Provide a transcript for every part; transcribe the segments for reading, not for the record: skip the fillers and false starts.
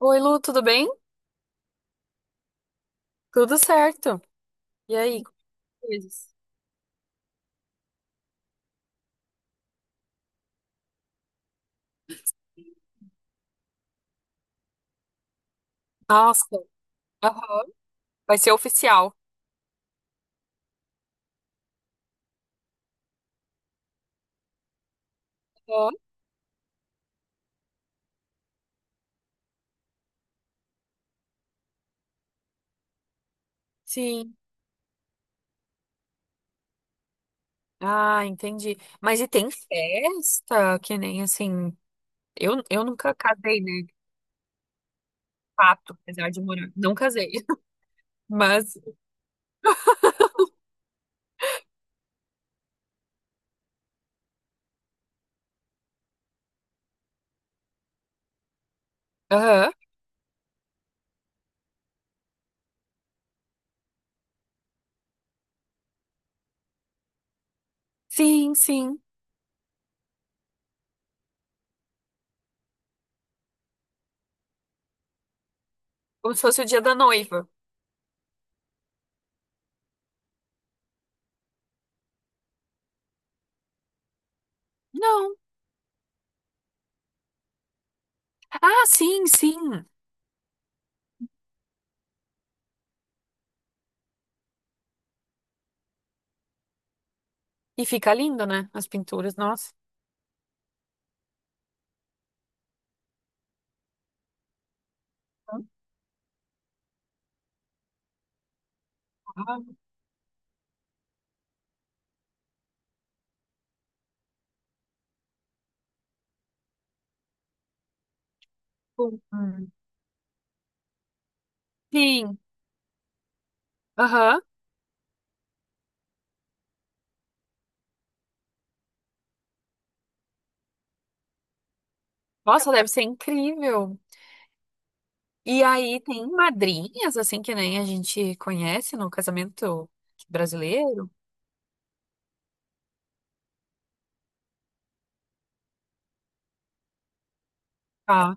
Oi, Lu, tudo bem? Tudo certo. E aí, como coisas? Nossa, aham. Vai ser oficial. Aham. Sim. Ah, entendi. Mas e tem festa? Que nem assim. Eu nunca casei, né? De fato, apesar de morar. Não casei. Mas. Aham. Sim, sim. Como se fosse o dia da noiva. Não. Ah, sim, sim. E fica lindo, né? As pinturas, nossa. Ah, bom. Hum. Sim. Aham. Nossa, deve ser incrível. E aí tem madrinhas, assim, que nem a gente conhece no casamento brasileiro. Tá.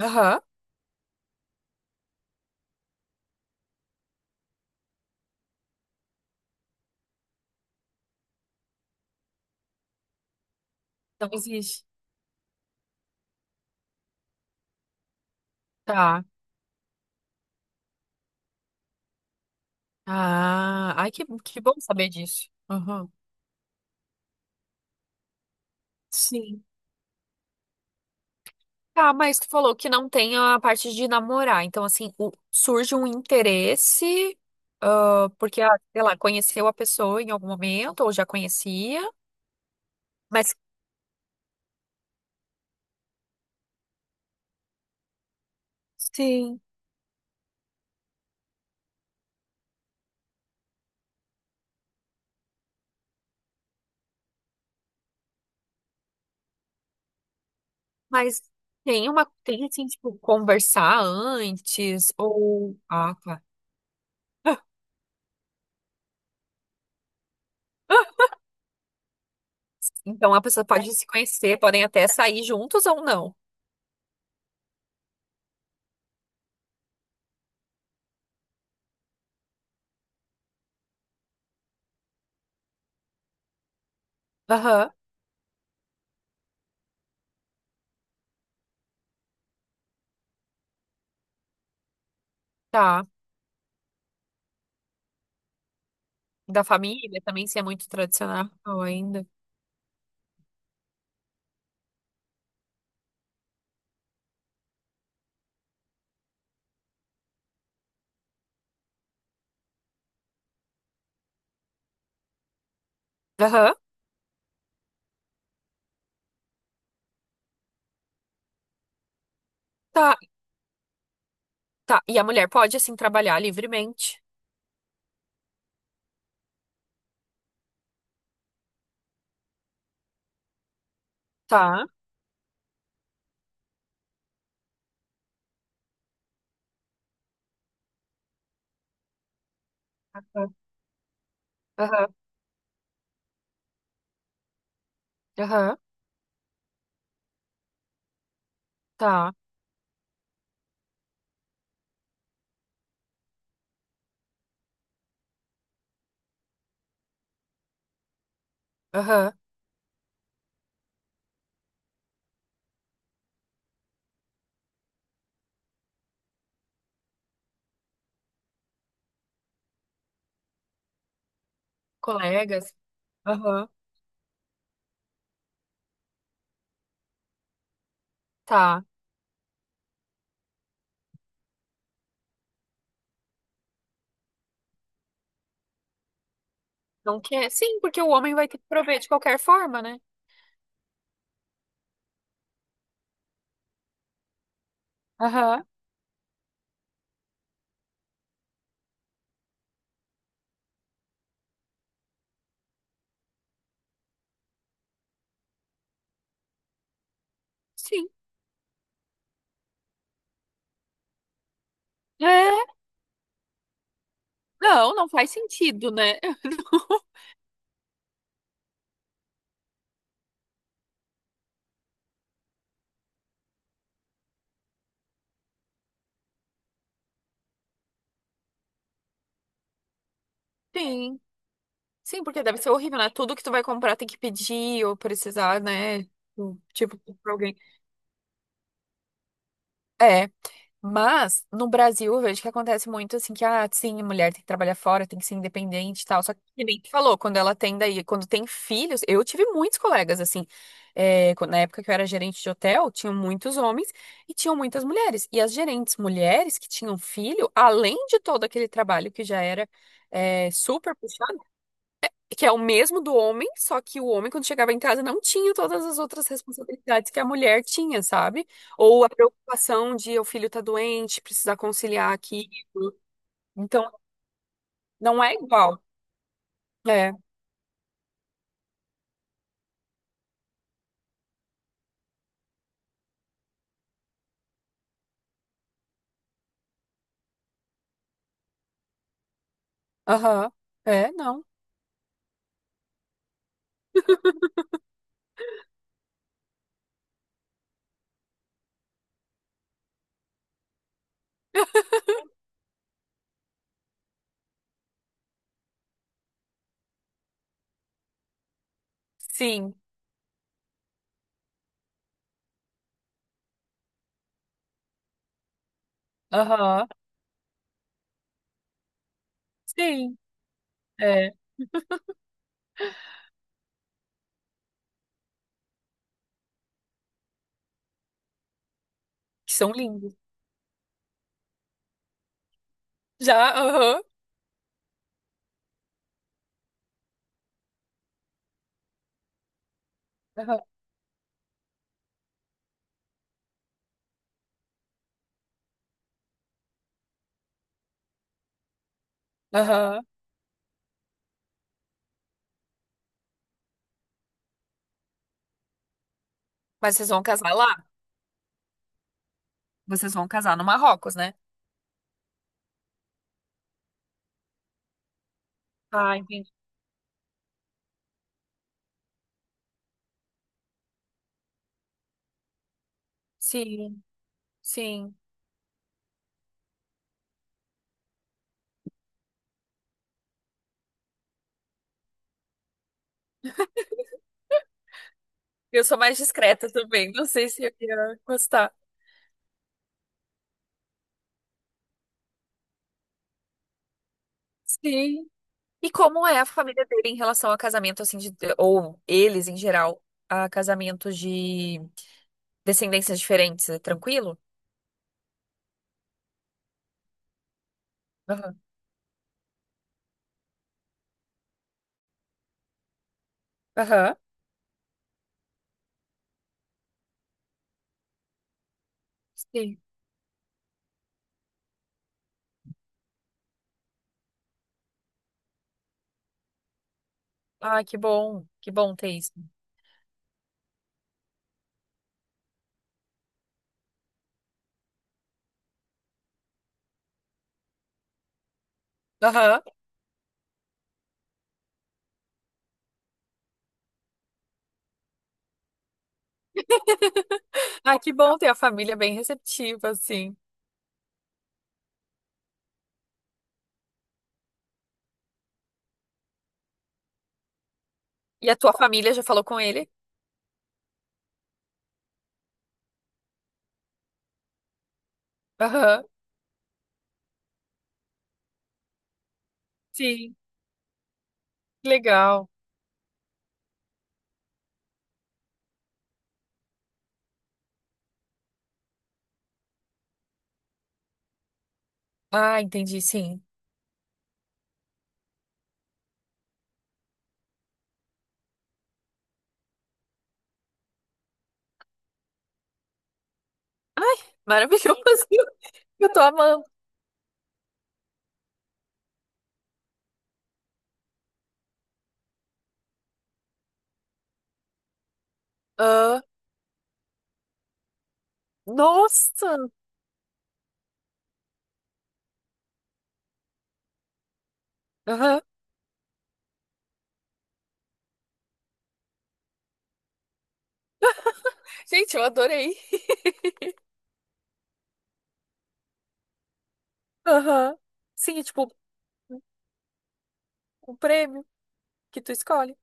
Aham. Não existe. Tá. Ah, ai, que bom saber disso. Aham. Sim. Tá, mas tu falou que não tem a parte de namorar. Então, assim, o- surge um interesse, ah, porque, ah, sei lá, conheceu a pessoa em algum momento, ou já conhecia, mas Sim. mas tem uma, tem assim, tipo, conversar antes, ou. Ah, tá. Então a pessoa pode se conhecer, podem até sair juntos ou não. Aham, tá. Da família também, se é muito tradicional ainda. Aham, tá, tá. E a mulher pode, assim, trabalhar livremente. Tá. Aham, aham, tá. Aham. Colegas. Aham, tá. Não quer? Sim, porque o homem vai ter que prover de qualquer forma, né? Aham, sim. É, não, não faz sentido, né? Não. Sim. Sim, porque deve ser horrível, né? Tudo que tu vai comprar tem que pedir ou precisar, né? Tipo, pra alguém. É, mas no Brasil eu vejo que acontece muito assim que, ah, sim, a mulher tem que trabalhar fora, tem que ser independente e tal. Só que nem tu falou, quando ela tem daí, quando tem filhos, eu tive muitos colegas assim, é, quando- na época que eu era gerente de hotel, tinham muitos homens e tinham muitas mulheres. E as gerentes mulheres que tinham filho, além de todo aquele trabalho que já era, é, super puxado que é o mesmo do homem, só que o homem, quando chegava em casa, não tinha todas as outras responsabilidades que a mulher tinha, sabe? Ou a preocupação de o filho tá doente, precisar conciliar aqui. Então, não é igual. É, aham. É, não. Sim, aham. Sim, é. Que são lindos. Já, aham. Aham. Aham. Mas vocês vão casar lá? Vocês vão casar no Marrocos, né? Ah, entendi. Sim, sim. Eu sou mais discreta também. Não sei se eu ia gostar. Sim, e como é a família dele em relação a casamento, assim, de, ou eles em geral, a casamentos de descendências diferentes? É tranquilo? Aham. Aham. Sim. Ah, que bom. Que bom ter isso. Aham. Ah, que bom ter a família bem receptiva, assim. E a tua família já falou com ele? Aham. Sim. Que legal. Ah, entendi, sim. Ai, maravilhoso. Eu tô amando. Ah, nossa. Aham. Gente, eu adorei. Aham. Sim, é tipo o prêmio que tu escolhe.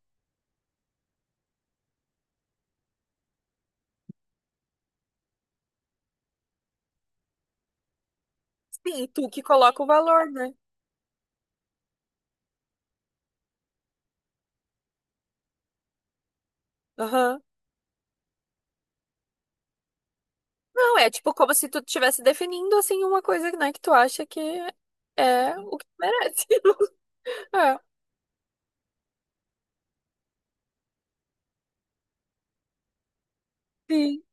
Sim, tu que coloca o valor, né? Aham. Não, é tipo como se tu estivesse definindo assim uma coisa, né, que tu acha que é o que tu merece. É, sim.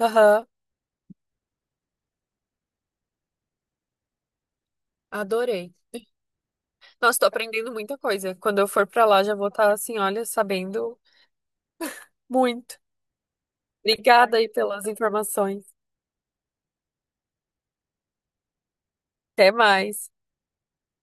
Aham. Adorei. Nossa, tô aprendendo muita coisa. Quando eu for pra lá, já vou estar assim, olha, sabendo muito. Obrigada aí pelas informações. Até mais.